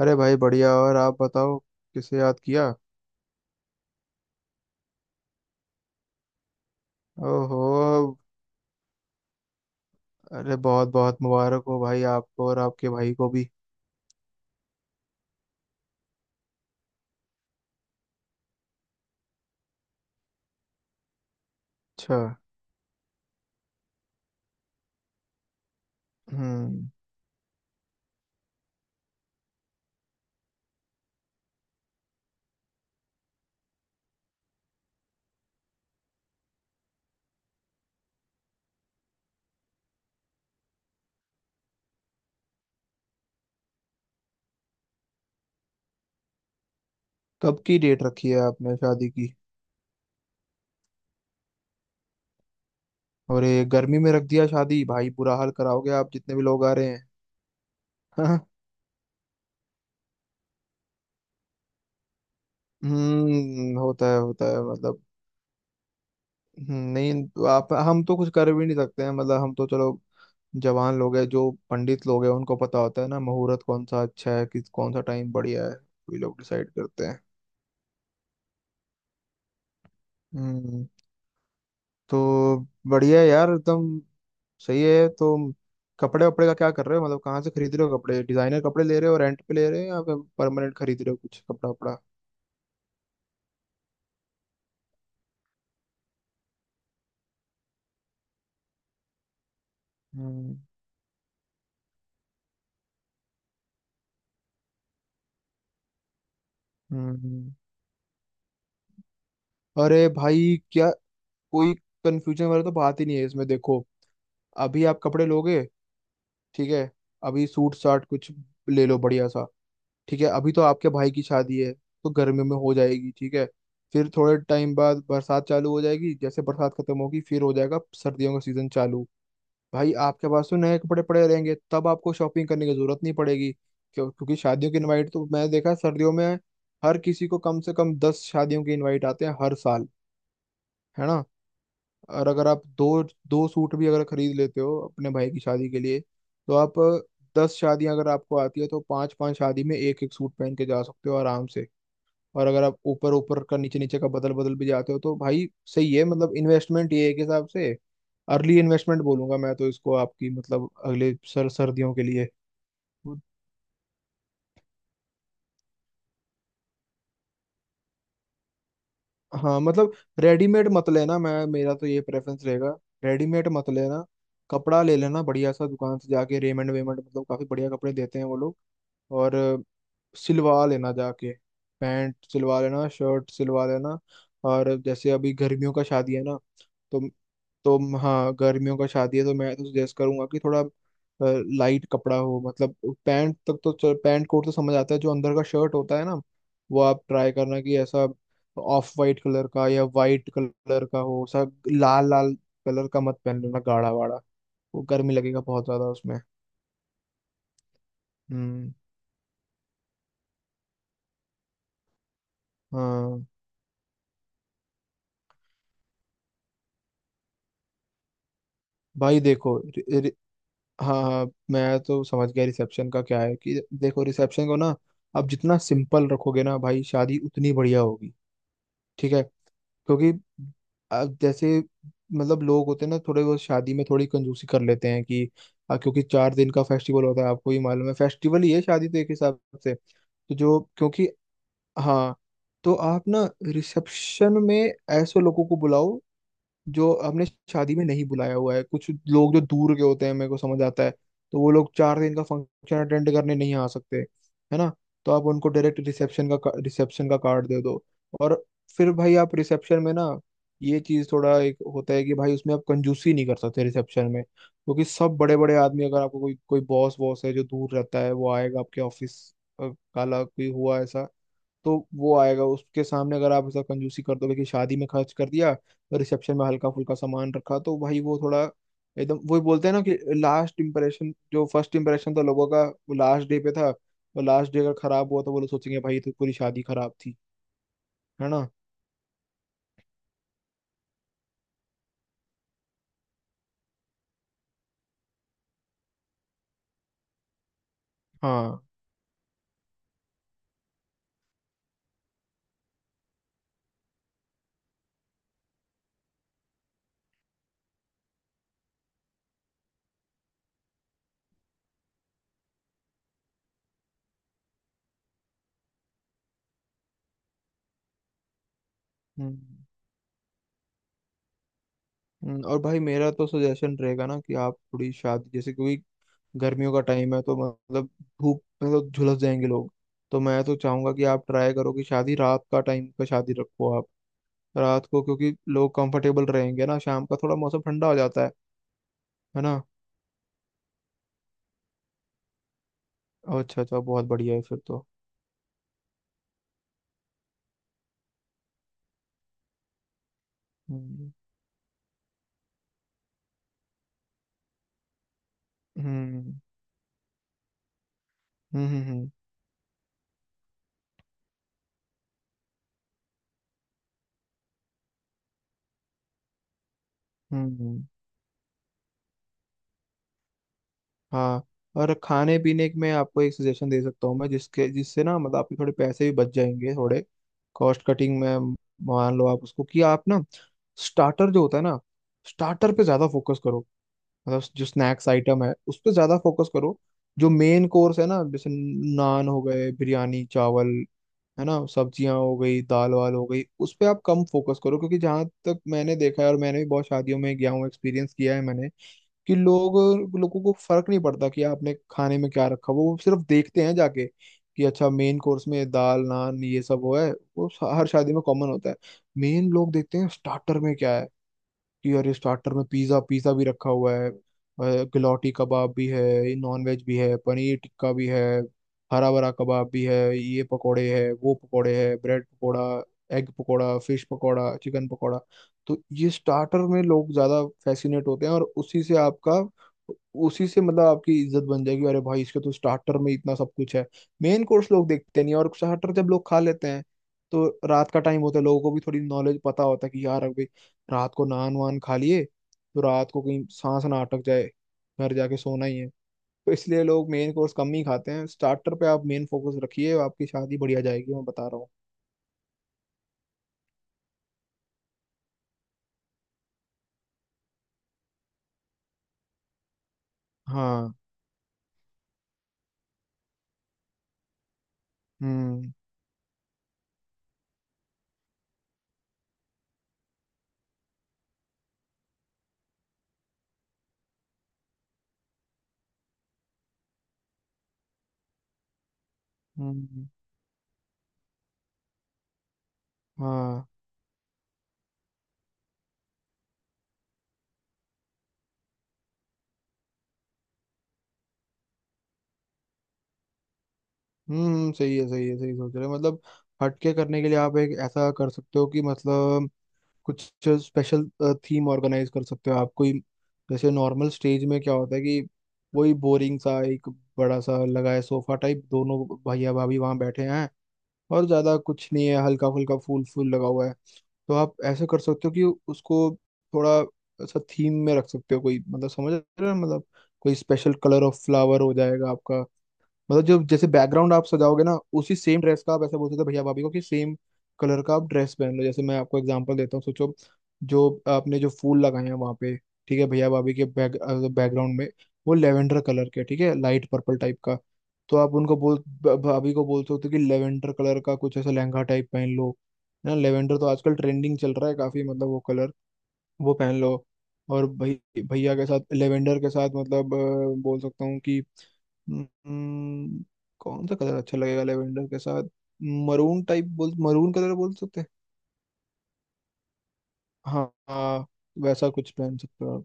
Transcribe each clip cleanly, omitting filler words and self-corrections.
अरे भाई बढ़िया। और आप बताओ किसे याद किया। ओहो। अरे बहुत बहुत मुबारक हो भाई, आपको और आपके भाई को भी। अच्छा। हम्म। कब की डेट रखी है आपने शादी की? और ये गर्मी में रख दिया शादी भाई, बुरा हाल कराओगे आप जितने भी लोग आ रहे हैं। हाँ। होता है मतलब। नहीं तो आप, हम तो कुछ कर भी नहीं सकते हैं मतलब, हम तो चलो। जवान लोग हैं जो पंडित लोग हैं, उनको पता होता है ना मुहूर्त कौन सा अच्छा है, किस कौन सा टाइम बढ़िया है, वही लोग डिसाइड करते हैं। हम्म तो बढ़िया है यार एकदम। सही है, तो कपड़े वपड़े का क्या कर रहे हो? मतलब कहाँ से खरीद रहे हो कपड़े? डिजाइनर कपड़े ले रहे हो, रेंट पे ले रहे हो, या फिर परमानेंट खरीद रहे हो कुछ कपड़ा वपड़ा? हम्म। हम्म। अरे भाई, क्या कोई कंफ्यूजन वाला तो बात ही नहीं है इसमें, देखो। अभी आप कपड़े लोगे, ठीक है। अभी सूट साट कुछ ले लो बढ़िया सा, ठीक है। अभी तो आपके भाई की शादी है, तो गर्मियों में हो जाएगी, ठीक है। फिर थोड़े टाइम बाद बरसात चालू हो जाएगी, जैसे बरसात खत्म होगी फिर हो जाएगा सर्दियों का सीजन चालू। भाई आपके पास तो नए कपड़े पड़े रहेंगे, तब आपको शॉपिंग करने की जरूरत नहीं पड़ेगी। क्यों? क्योंकि शादियों की इनवाइट तो मैंने देखा है, सर्दियों में हर किसी को कम से कम दस शादियों की इनवाइट आते हैं हर साल, है ना। और अगर आप दो दो सूट भी अगर खरीद लेते हो अपने भाई की शादी के लिए, तो आप, दस शादियां अगर आपको आती है तो पांच पांच शादी में एक एक सूट पहन के जा सकते हो आराम से। और अगर आप ऊपर ऊपर का नीचे नीचे का बदल बदल भी जाते हो तो भाई, सही है। मतलब इन्वेस्टमेंट ये एक हिसाब से अर्ली इन्वेस्टमेंट बोलूंगा मैं तो इसको आपकी, मतलब अगले सर सर्दियों के लिए। हाँ मतलब, रेडीमेड मत लेना, मैं, मेरा तो ये प्रेफरेंस रहेगा, रेडीमेड मत लेना। कपड़ा ले लेना बढ़िया सा दुकान से जाके, रेमंड वेमंड, मतलब काफी बढ़िया कपड़े देते हैं वो लोग। और सिलवा लेना जाके, पैंट सिलवा लेना, शर्ट सिलवा लेना। और जैसे अभी गर्मियों का शादी है ना, तो तो हाँ, गर्मियों का शादी है तो मैं तो सजेस्ट करूंगा कि थोड़ा लाइट कपड़ा हो। मतलब पैंट कोट तो समझ आता है, जो अंदर का शर्ट होता है ना, वो आप ट्राई करना कि ऐसा ऑफ वाइट कलर का या वाइट कलर का हो। सब लाल लाल कलर का मत पहन लेना गाढ़ा वाढ़ा, वो गर्मी लगेगा बहुत ज्यादा उसमें। हम्म हाँ, भाई देखो। हाँ हाँ, मैं तो समझ गया रिसेप्शन का क्या है। कि देखो, रिसेप्शन को ना आप जितना सिंपल रखोगे ना भाई, शादी उतनी बढ़िया होगी, ठीक है। क्योंकि अब जैसे, मतलब लोग होते हैं ना थोड़े, वो शादी में थोड़ी कंजूसी कर लेते हैं कि, क्योंकि चार दिन का फेस्टिवल होता है, आपको ही मालूम है, फेस्टिवल ही है शादी तो एक हिसाब से। तो जो क्योंकि हाँ, तो आप ना रिसेप्शन में ऐसे लोगों को बुलाओ जो हमने शादी में नहीं बुलाया हुआ है, कुछ लोग जो दूर के होते हैं, मेरे को समझ आता है तो वो लोग चार दिन का फंक्शन अटेंड करने नहीं आ सकते, है ना। तो आप उनको डायरेक्ट रिसेप्शन का कार्ड दे दो। और फिर भाई आप रिसेप्शन में ना, ये चीज थोड़ा एक होता है कि भाई उसमें आप कंजूसी नहीं कर सकते रिसेप्शन में, क्योंकि सब बड़े बड़े आदमी, अगर आपको कोई कोई बॉस वॉस है जो दूर रहता है, वो आएगा, आपके ऑफिस काला कोई हुआ ऐसा, तो वो आएगा। उसके सामने अगर आप ऐसा कंजूसी कर दोगे कि शादी में खर्च कर दिया और रिसेप्शन में हल्का फुल्का सामान रखा तो भाई वो थोड़ा, एकदम वही बोलते हैं ना कि लास्ट इंप्रेशन, जो फर्स्ट इंप्रेशन था लोगों का, वो लास्ट डे पे था। वो लास्ट डे अगर खराब हुआ तो वो लोग सोचेंगे भाई तो पूरी शादी खराब थी। है ना। हाँ। हम्म। और भाई मेरा तो सजेशन रहेगा ना कि आप थोड़ी शादी, जैसे क्योंकि गर्मियों का टाइम है, तो मतलब धूप में तो झुलस जाएंगे लोग। तो मैं तो चाहूंगा कि आप ट्राई करो कि शादी रात का टाइम पे, शादी रखो आप रात को, क्योंकि लोग कंफर्टेबल रहेंगे ना, शाम का थोड़ा मौसम ठंडा हो जाता है ना। अच्छा अच्छा, बहुत बढ़िया है फिर तो। हम्म। हम्म। हम्म। हम्म। हम्म। हम्म। हाँ, और खाने पीने में आपको एक सजेशन दे सकता हूँ मैं, जिसके जिससे ना, मतलब आपके थोड़े पैसे भी बच जाएंगे, थोड़े कॉस्ट कटिंग में। मान लो आप उसको कि आप ना स्टार्टर, जो होता है ना स्टार्टर पे ज्यादा फोकस करो, मतलब जो स्नैक्स आइटम है उस पे ज्यादा फोकस करो। जो मेन कोर्स है ना, जैसे नान हो गए, बिरयानी, चावल, है ना, सब्जियां हो गई, दाल वाल हो गई, उस पे आप कम फोकस करो। क्योंकि जहां तक मैंने देखा है, और मैंने भी बहुत शादियों में गया हूँ, एक्सपीरियंस किया है मैंने कि लोग, लोगों को फर्क नहीं पड़ता कि आपने खाने में क्या रखा। वो सिर्फ देखते हैं जाके कि, अच्छा मेन कोर्स में दाल नान ये सब वो है, वो हर शादी में कॉमन होता है। मेन लोग देखते हैं स्टार्टर में क्या है। यार, स्टार्टर में पिज्ज़ा पिज़्ज़ा भी रखा हुआ है, गलौटी कबाब भी है, नॉन वेज भी है, पनीर टिक्का भी है, हरा भरा कबाब भी है, ये पकोड़े है वो पकोड़े है, bread pakora, egg pakora, fish pakora, chicken pakora. तो ये स्टार्टर में लोग ज़्यादा फैसिनेट होते हैं, और उसी से आपका, उसी से मतलब आपकी इज्जत बन जाएगी, अरे भाई इसके तो स्टार्टर में इतना सब कुछ है। मेन कोर्स लोग देखते नहीं। और स्टार्टर जब लोग खा लेते हैं, तो रात का टाइम होता है, लोगों को भी थोड़ी नॉलेज पता होता है कि यार अभी रात को नान वान खा लिए तो रात को कहीं सांस ना अटक जाए, घर जाके सोना ही है। तो इसलिए लोग मेन कोर्स कम ही खाते हैं, स्टार्टर पे आप मेन फोकस रखिए, आपकी शादी बढ़िया जाएगी, मैं बता रहा हूँ। हाँ। हम्म। हम्म। हाँ। सही है सही है, सही सोच रहे हो। मतलब हटके करने के लिए आप एक ऐसा कर सकते हो कि मतलब, कुछ स्पेशल थीम ऑर्गेनाइज कर सकते हो आप कोई। जैसे नॉर्मल स्टेज में क्या होता है कि वही बोरिंग सा एक बड़ा सा लगा है सोफा टाइप, दोनों भैया भाभी वहां बैठे हैं, और ज़्यादा कुछ नहीं है, हल्का फुल्का फूल फूल लगा हुआ है। तो आप ऐसे कर सकते हो कि उसको थोड़ा ऐसा थीम में रख सकते हो कोई, मतलब समझ रहे हो मतलब, कोई स्पेशल कलर ऑफ फ्लावर हो जाएगा आपका। मतलब जो जैसे बैकग्राउंड आप सजाओगे ना, उसी सेम ड्रेस का आप ऐसा बोलते थे भैया भाभी को कि सेम कलर का आप ड्रेस पहन लो। जैसे मैं आपको एग्जांपल देता हूँ, सोचो जो आपने जो फूल लगाए हैं वहाँ पे, ठीक है, भैया भाभी के बैकग्राउंड में वो लेवेंडर कलर के, ठीक है, लाइट पर्पल टाइप का। तो आप उनको भाभी को बोलते हो कि लेवेंडर कलर का कुछ ऐसा लहंगा टाइप पहन लो ना। लेवेंडर तो आजकल ट्रेंडिंग चल रहा है काफी, मतलब वो कलर वो पहन लो। और भई भैया के साथ, लेवेंडर के साथ मतलब बोल सकता हूँ कि हम्म, कौन सा कलर अच्छा लगेगा लेवेंडर के साथ? मरून टाइप, बोल मरून कलर बोल सकते हैं। हाँ हाँ, वैसा कुछ पहन सकते हो आप।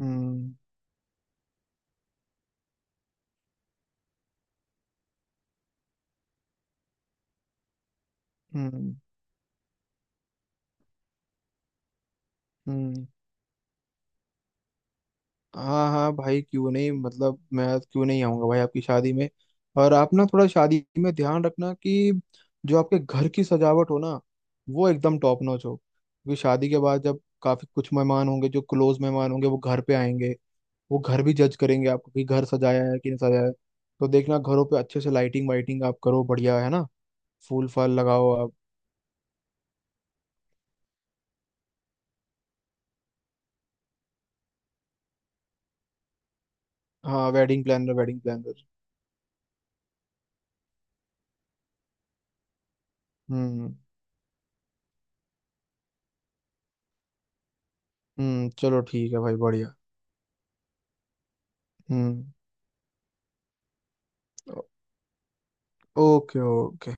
हम्म। हम्म। हम्म। हाँ हाँ भाई, क्यों नहीं, मतलब मैं क्यों नहीं आऊंगा भाई आपकी शादी में। और आप ना थोड़ा शादी में ध्यान रखना कि जो आपके घर की सजावट हो ना, वो एकदम टॉप नॉच हो, क्योंकि शादी के बाद जब काफी कुछ मेहमान होंगे जो क्लोज मेहमान होंगे वो घर पे आएंगे, वो घर भी जज करेंगे आपको कि घर सजाया है कि नहीं सजाया है। तो देखना घरों पे अच्छे से लाइटिंग वाइटिंग आप करो बढ़िया, है ना, फूल फाल लगाओ आप। हाँ, वेडिंग प्लानर, वेडिंग प्लानर। हम्म। हम्म। चलो ठीक है भाई, बढ़िया। हम्म। ओ- ओके, ओके।